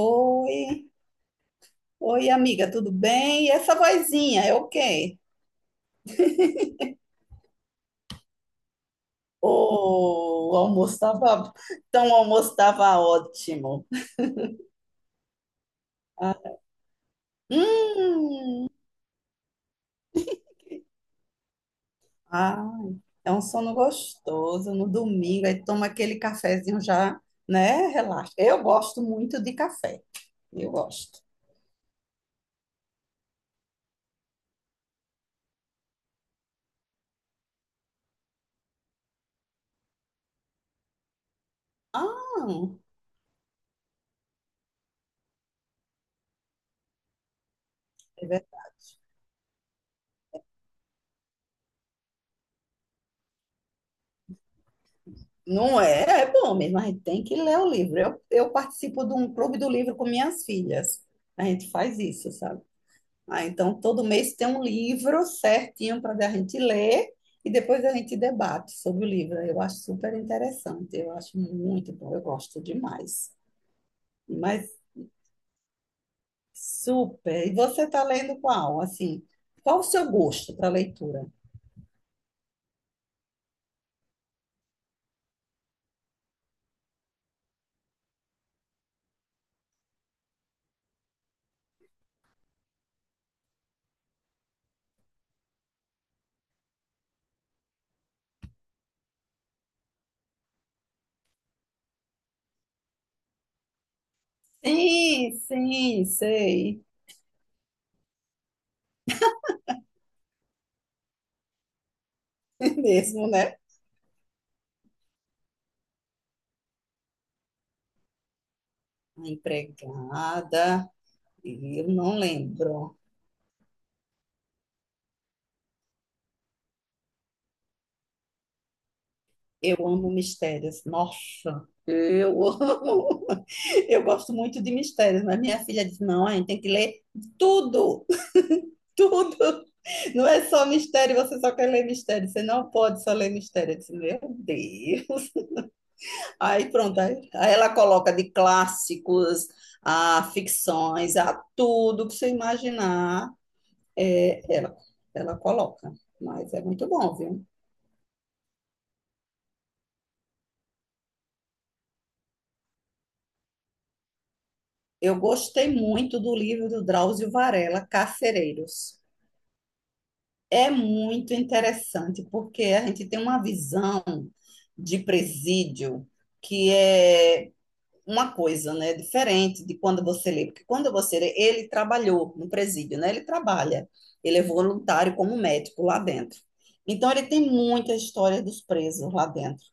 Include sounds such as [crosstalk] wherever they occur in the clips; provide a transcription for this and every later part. Oi, oi amiga, tudo bem? E essa vozinha é o quê? Oh, o almoço estava, então o almoço estava ótimo. Ah, hum, ai, é um sono gostoso no domingo, aí toma aquele cafezinho já, né? Relaxa. Eu gosto muito de café, eu gosto. Ah, é ver- não é, é bom mesmo, a gente tem que ler o livro. Eu participo de um clube do livro com minhas filhas. A gente faz isso, sabe? Ah, então, todo mês tem um livro certinho para a gente ler e depois a gente debate sobre o livro. Eu acho super interessante, eu acho muito bom, eu gosto demais. Mas super. E você está lendo qual? Assim, qual o seu gosto para leitura? Sim, sim, sei. [laughs] Mesmo, né? A empregada, eu não lembro. Eu amo mistérios. Nossa, eu [laughs] amo. [laughs] Eu gosto muito de mistérios, mas minha filha disse: não, a gente tem que ler tudo, [laughs] tudo. Não é só mistério, você só quer ler mistério, você não pode só ler mistério. Eu disse: meu Deus. [laughs] Aí pronto, aí ela coloca de clássicos a ficções, a tudo que você imaginar, é, ela coloca. Mas é muito bom, viu? Eu gostei muito do livro do Drauzio Varela, Carcereiros. É muito interessante, porque a gente tem uma visão de presídio que é uma coisa, né, diferente de quando você lê, porque quando você lê, ele trabalhou no presídio, né? Ele trabalha, ele é voluntário como médico lá dentro. Então ele tem muita história dos presos lá dentro.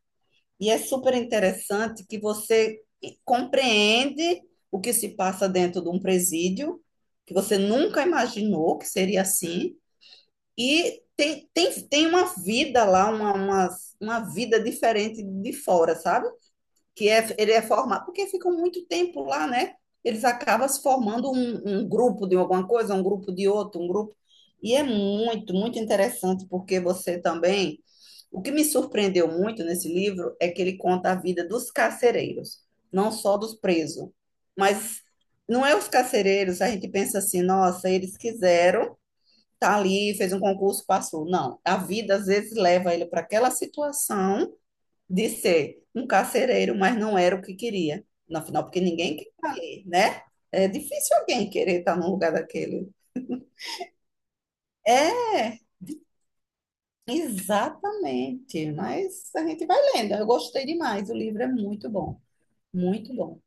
E é super interessante que você compreende o que se passa dentro de um presídio, que você nunca imaginou que seria assim e tem uma vida lá, uma vida diferente de fora, sabe? Que é, ele é formado, porque ficam muito tempo lá, né? Eles acabam se formando um grupo de alguma coisa, um grupo de outro, um grupo. E é muito, muito interessante, porque você também. O que me surpreendeu muito nesse livro é que ele conta a vida dos carcereiros, não só dos presos. Mas não é os carcereiros, a gente pensa assim, nossa, eles quiseram tá ali, fez um concurso, passou. Não, a vida às vezes leva ele para aquela situação de ser um carcereiro, mas não era o que queria. Afinal, porque ninguém quer estar ali, né? É difícil alguém querer estar num lugar daquele. É, exatamente. Mas a gente vai lendo. Eu gostei demais. O livro é muito bom. Muito bom.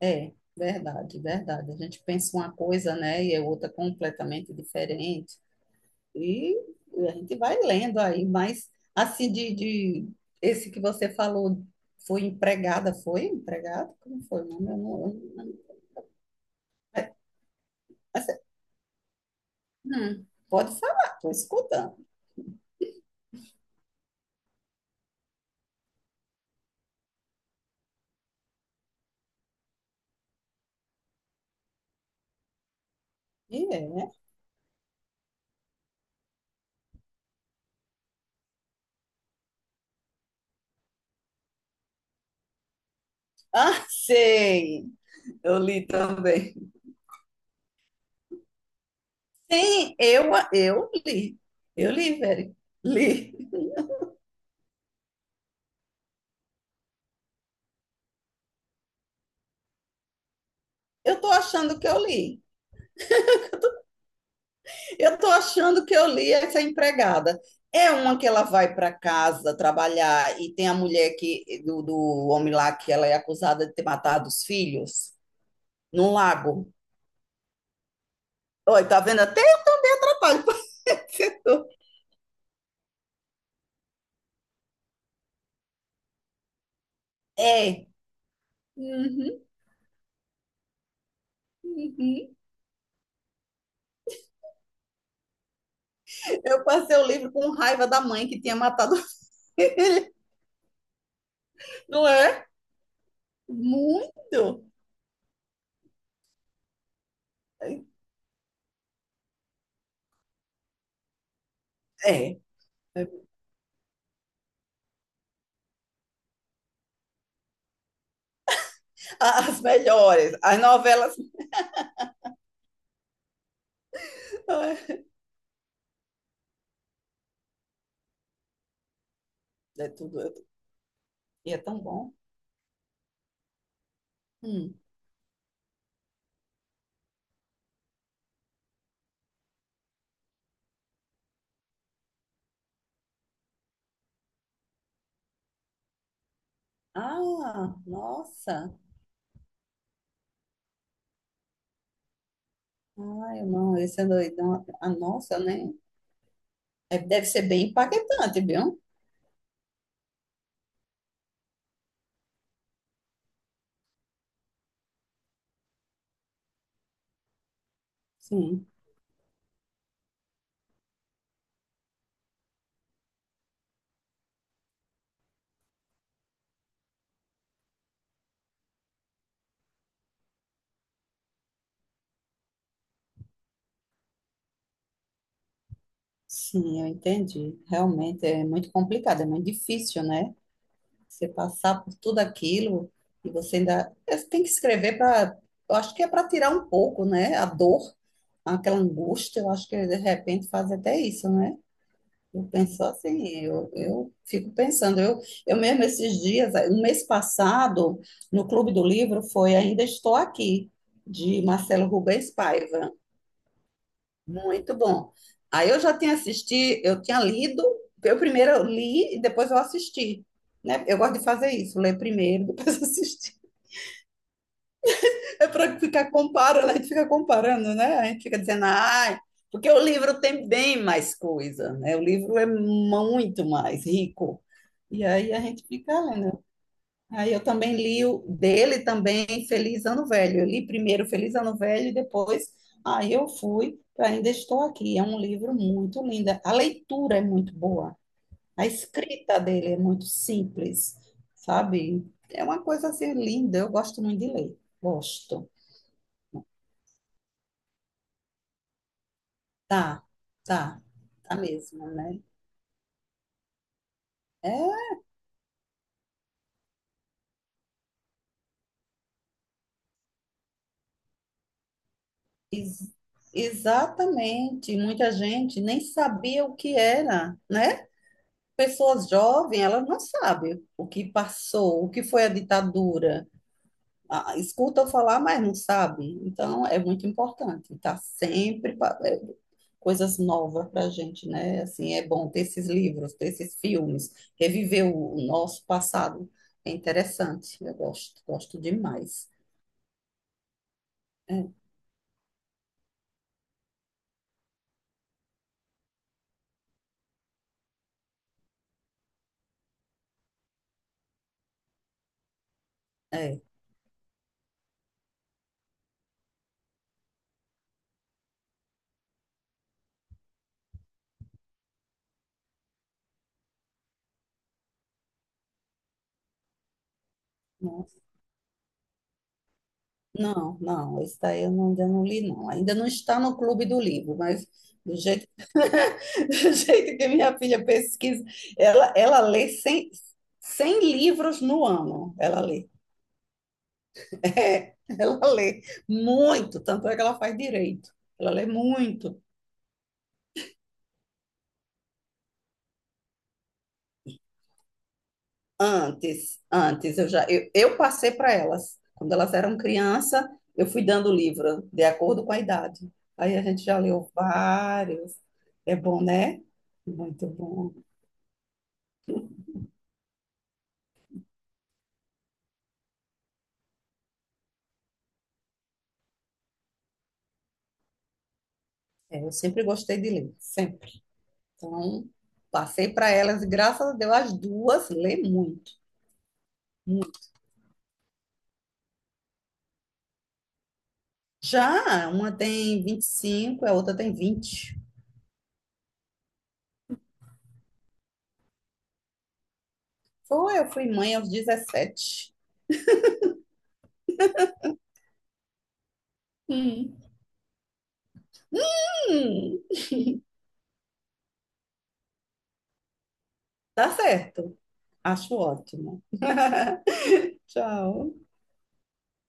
É, verdade, verdade. A gente pensa uma coisa, né? E é outra completamente diferente. E a gente vai lendo aí, mas assim de esse que você falou foi empregada, foi empregada? Como foi? Não, não, não, eu não. Mas, pode falar, estou escutando. E é, né? Ah, sei, eu li também. Sim, eu li, eu li, Veri, li. Eu estou achando que eu li. Eu estou achando que eu li essa empregada. É uma que ela vai para casa trabalhar e tem a mulher que, do homem lá que ela é acusada de ter matado os filhos no lago. Oi, tá vendo? Até eu atrapalho. [laughs] É. Uhum, uhum. Eu passei o livro com raiva da mãe que tinha matado o filho. [laughs] Não é? Muito. É. As melhores, as novelas. É É tudo. E é tão bom. Hum. Ah, nossa. Ai, não, esse é doidão. A nossa, né? É, deve ser bem impactante, viu? Sim, sim, eu entendi. Realmente é muito complicado, é muito difícil, né? Você passar por tudo aquilo e você ainda é, você tem que escrever para. Eu acho que é para tirar um pouco, né? A dor, aquela angústia. Eu acho que de repente faz até isso, né? Eu penso assim, eu fico pensando, eu mesmo esses dias, um mês passado, no Clube do Livro, foi Ainda Estou Aqui, de Marcelo Rubens Paiva. Muito bom. Aí eu já tinha assistido, eu tinha lido, eu primeiro li e depois eu assisti, né? Eu gosto de fazer isso, ler primeiro, [laughs] depois assistir. É para ficar comparando, a gente fica comparando, né? A gente fica dizendo, ai, porque o livro tem bem mais coisa, né? O livro é muito mais rico. E aí a gente fica lendo. Aí eu também li o dele também, Feliz Ano Velho. Eu li primeiro Feliz Ano Velho e depois aí eu fui para Ainda Estou Aqui. É um livro muito lindo. A leitura é muito boa. A escrita dele é muito simples, sabe? É uma coisa assim linda. Eu gosto muito de ler. Gosto. Tá, tá, tá mesmo, né? É, ex- Exatamente. Muita gente nem sabia o que era, né? Pessoas jovens, elas não sabem o que passou, o que foi a ditadura. Ah, escuta falar, mas não sabe. Então, é muito importante. É, coisas novas para a gente, né? Assim, é bom ter esses livros, ter esses filmes, reviver o nosso passado. É interessante. Eu gosto, gosto demais. É. É. Nossa, não, não, esse daí eu não, ainda não li, não. Ainda não está no clube do livro, mas do jeito, [laughs] do jeito que minha filha pesquisa, ela lê 100, 100 livros no ano. Ela lê. [laughs] É, ela lê muito, tanto é que ela faz direito. Ela lê muito. Antes, antes, eu já, eu passei para elas. Quando elas eram criança, eu fui dando livro, de acordo com a idade. Aí a gente já leu vários. É bom, né? Muito bom. É, eu sempre gostei de ler, sempre. Então, passei para elas e graças a Deus as duas lê muito. Já uma tem 25 a outra tem 20. Foi, eu fui mãe aos 17. Hum. Hum, tá certo. Acho ótimo. [laughs] Tchau.